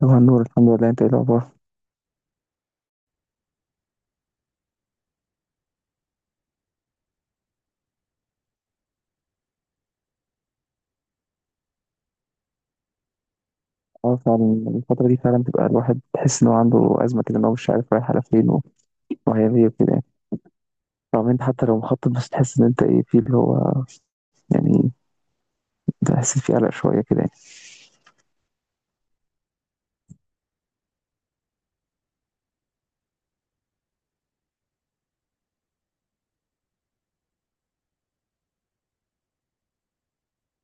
طبعا نور، الحمد لله. انت ايه الاخبار؟ اه فعلا الفترة دي فعلا بتبقى الواحد تحس ان هو عنده ازمة كده، ان هو مش عارف رايح على فين وهيعمل ايه وكده يعني. طبعا انت حتى لو مخطط، بس تحس ان انت ايه في اللي هو يعني، تحس في قلق شوية كده يعني.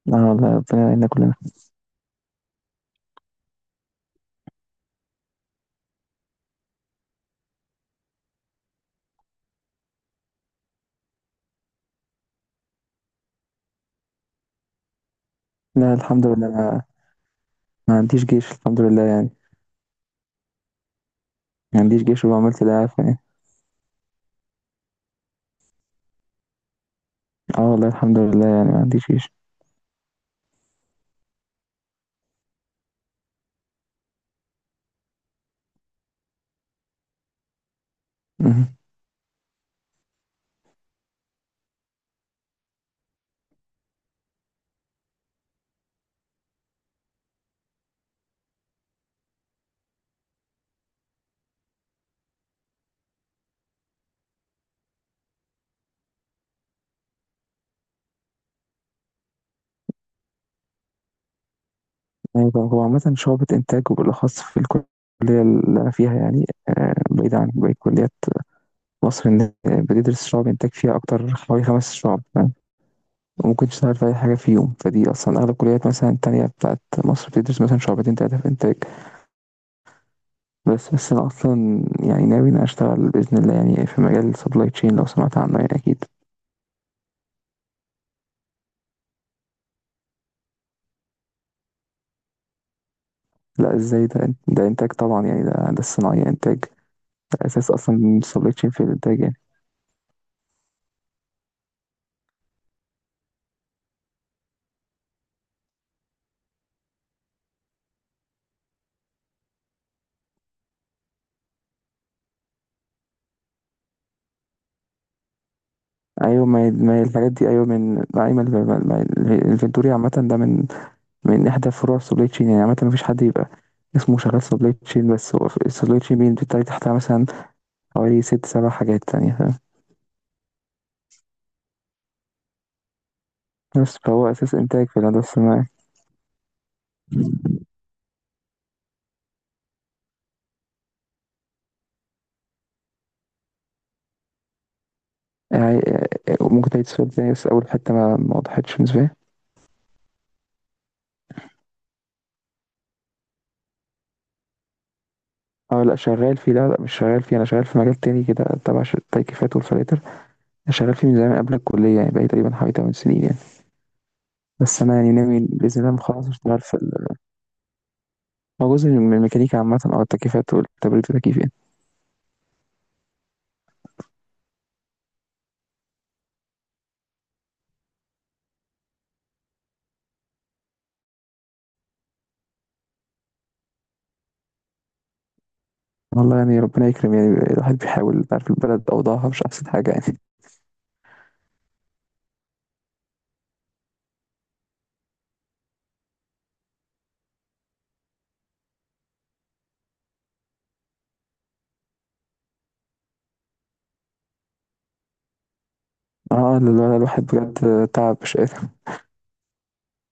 لا والله، ربنا يعيننا كلنا. لا الحمد لله، انا ما عنديش جيش الحمد لله يعني. ما عنديش جيش، وعملت ده عارف يعني. اه والله الحمد لله، يعني ما عنديش جيش. مهم. ايوه، هو عامة شعبة انتاج، وبالاخص في الكلية اللي انا فيها يعني. آه، بعيدة عن باقي الكليات. مصر إن بتدرس شعب إنتاج فيها أكتر، حوالي خمس شعب فاهم. وممكن تشتغل في أي حاجة فيهم. فدي أصلا أغلب الكليات مثلا التانية بتاعت مصر بتدرس مثلا شعبتين تلاتة في إنتاج. بس أنا أصلا يعني ناوي إن أنا أشتغل بإذن الله يعني في مجال سبلاي تشين، لو سمعت عنه يعني أكيد. لا ازاي، ده انتاج طبعا يعني، ده الصناعية انتاج ده. اساس اصلا السبلاي تشين في الانتاج يعني. ايوه، ما هي الحاجات دي، ايوه، من ايوه، الفنتوري عامة ده من إحدى فروع سبلاي تشين يعني. عامة مفيش حد يبقى اسمه شغال سبلاي تشين، بس هو السبلاي تشين بيندي تحتها مثلا حوالي ست سبع حاجات تانية فاهم. بس فهو أساس إنتاج في الهندسة الصناعية يعني. آه، ممكن تعيد السؤال تاني؟ بس أول حتة ما وضحتش بالنسبة لي. اه لا شغال فيه، لا مش شغال فيه. أنا شغال في مجال تاني كده تبع التكييفات والفلاتر. أنا شغال فيه من زمان قبل الكلية يعني، بقالي تقريبا حوالي 8 سنين يعني. بس أنا يعني ناوي بإذن الله لما أخلص أشتغل في هو جزء من الميكانيكا عامة، أو التكييفات والتبريد والتكييف يعني. والله يعني ربنا يكرم. يعني الواحد بيحاول، تعرف البلد أوضاعها مش أحسن حاجة يعني. اه لا، الواحد بجد تعب، مش قادر.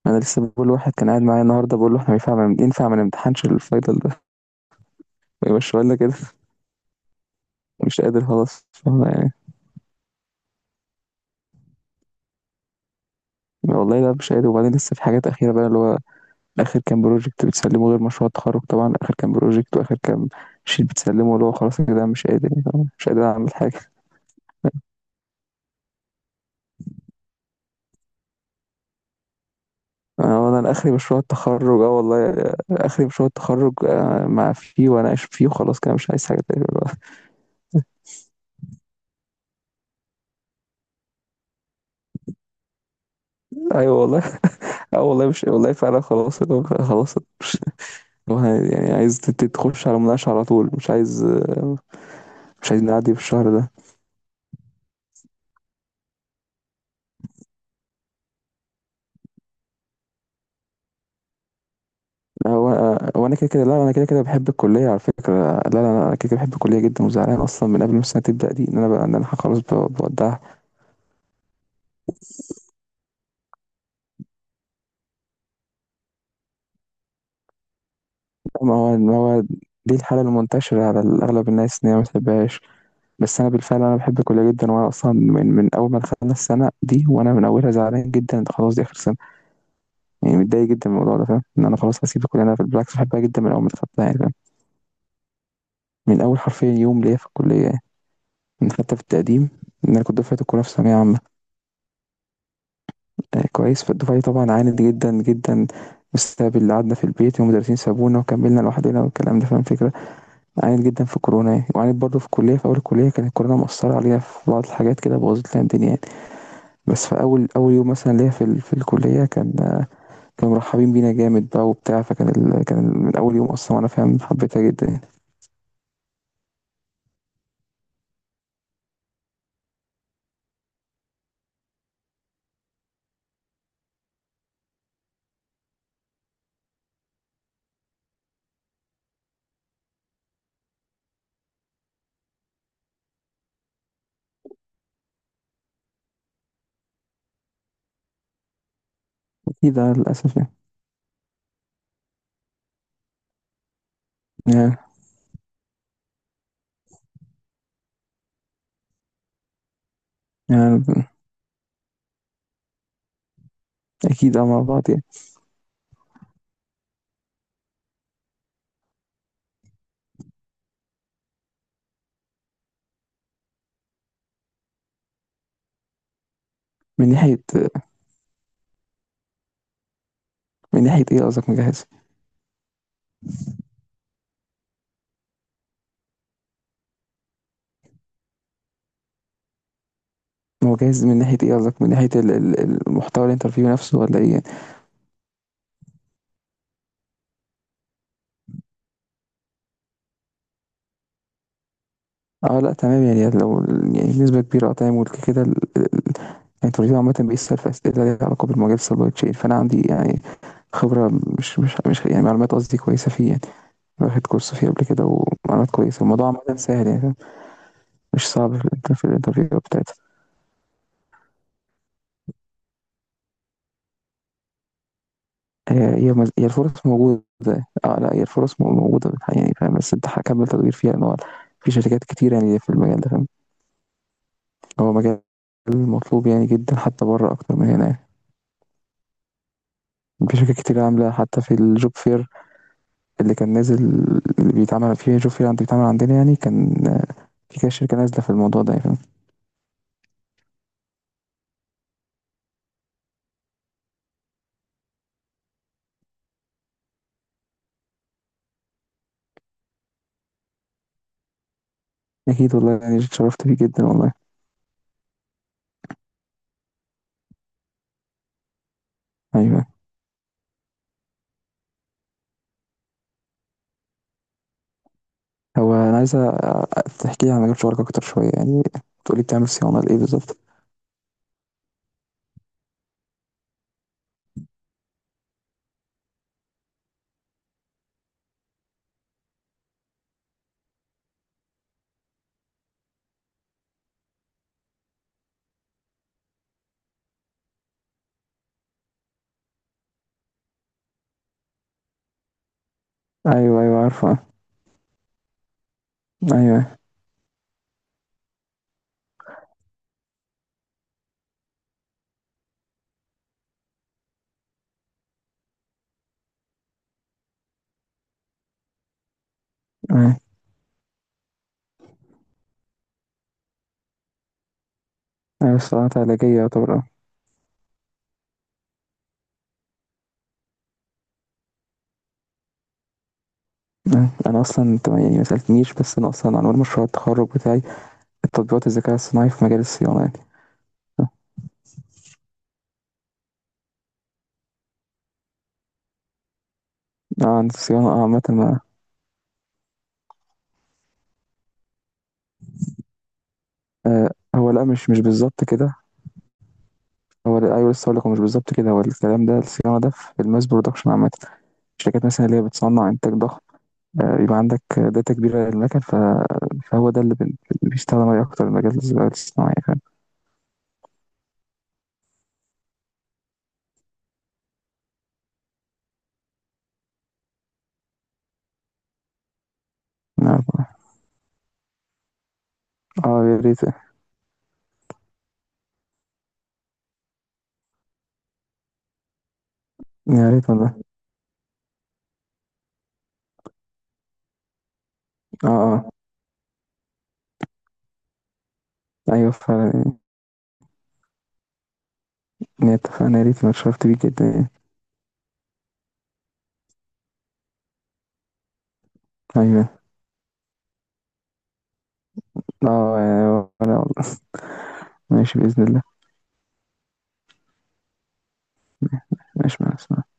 أنا لسه بقول لواحد كان قاعد معايا النهاردة، بقول له احنا ينفع ما نمتحنش الفاينل ده ويمشي لنا كده. مش قادر خلاص، فاهم يعني. والله لا مش قادر. وبعدين لسه في حاجات أخيرة بقى، اللي هو آخر كام بروجكت بتسلمه، غير مشروع التخرج طبعا، آخر كام بروجكت وآخر كام شيت بتسلمه. اللي هو خلاص كده مش قادر يعني، فاهم؟ مش قادر أعمل حاجة. آه، انا اخري مشروع التخرج، اه والله، آه، اخري مشروع التخرج، آه، مع فيه واناقش فيه وخلاص كده مش عايز حاجه تاني دلوقتي. ايوه والله. اه والله، مش والله، فعلا خلاص اللي هو خلاص مش، اللي هو يعني عايز تخش على مناقشه على طول، مش عايز آه، مش عايز نعدي في الشهر ده. آه، هو آه، هو انا كده كده، لا انا كده كده بحب الكليه على فكره. لا، انا كده كده بحب الكليه جدا، وزعلان اصلا من قبل ما السنه تبدا دي، ان انا بقى ان انا خلاص بودعها. ما هو دي الحاله المنتشره على اغلب الناس، ان هي ما بتحبهاش. بس انا بالفعل انا بحب الكليه جدا، وانا اصلا من، من اول ما دخلنا السنه دي وانا من اولها زعلان جدا، ده خلاص دي اخر سنه يعني. متضايق جدا من الموضوع ده، فاهم ان انا خلاص هسيب الكليه. انا بالعكس بحبها جدا من اول ما دخلتها يعني، فاهم. من اول حرفيا يوم ليا في الكليه يعني، من حتى في التقديم، ان انا كنت دفعه الكليه في ثانويه عامه. آه كويس، فالدفعه طبعا عانت جدا جدا بسبب اللي قعدنا في البيت، والمدرسين سابونا وكملنا لوحدنا والكلام ده، فاهم الفكره. عانت جدا في كورونا يعني، وعانت برضه في الكليه، في اول الكليه كانت الكورونا مؤثره علينا في بعض الحاجات كده، بوظت لنا الدنيا يعني. بس في اول اول يوم مثلا ليا في في الكليه، كان كانوا مرحبين بينا جامد بقى وبتاع. فكان من اول يوم اصلا وانا فاهم حبيتها جدا يعني. اكيد آه، للاسف يعني. يعني يعني اكيد، اه مع بعض يعني. من ناحيه، من ناحيه ايه قصدك مجهز؟ هو جاهز من ناحيه ايه قصدك؟ من ناحيه المحتوى الانترفيو نفسه ولا ايه يعني؟ اه لا تمام يعني، لو يعني بنسبه كبيره، اه تمام. وكده كده الانترفيو عامه بيسال في اسئله ليها علاقه بالمجال السبلاي تشين، فانا عندي يعني خبره، مش يعني معلومات قصدي كويسه فيه يعني. واخد كورس فيه قبل كده ومعلومات كويسة. الموضوع عامة سهل يعني، فاهم؟ مش صعب في في الانترفيو بتاعتها. هي الفرص موجودة. اه لا، هي الفرص موجودة بالحقيقة يعني، فاهم. بس انت هكمل تدوير فيها، ان هو في شركات كتير يعني في المجال ده، فاهم. هو مجال مطلوب يعني جدا، حتى بره أكتر من هنا يعني. في شركات كتير عاملة، حتى في الجوب فير اللي كان نازل، اللي بيتعمل في جوب فير عند، بيتعمل عندنا يعني. كان في كده شركة نازلة في الموضوع ده يعني، فاهم. أكيد والله يعني، اتشرفت بيه جدا والله. أيوه، هو أنا عايز تحكي لي عن مجال شغلك أكتر شوية يعني. تقولي بتعمل صيانة لإيه بالظبط؟ ايوه ايوه، عارفه. ايوه ايوه ايوه، الصناعات علاجيه يعتبر، اه. أيوة. أنا أصلا أنت يعني ما سألتنيش، بس أنا أصلا عنوان مشروع التخرج بتاعي تطبيقات الذكاء الصناعي في مجال الصيانة يعني. اه عند الصيانه، اه عامه آه، هو لأ مش بالظبط كده. هو لأ، أيوه لسه هقول لك، هو مش بالظبط كده. هو الكلام ده، الصيانة ده في الماس برودكشن عامة، الشركات مثلا اللي هي بتصنع إنتاج ضخم. آه، يبقى عندك داتا كبيرة للمكن، فهو ده اللي بيستخدم عليه أكتر، المجال الذكاء الصناعي. اه، آه، يا ريت. يا ريت والله. اه. اه. ايوه فعلا يعني. يعني اتفقنا، يا ريت، انا اتشرفت بيك جدا يعني. ايوه. اه. آه، ولا والله. ماشي بإذن الله. ماشي، مع السلامة.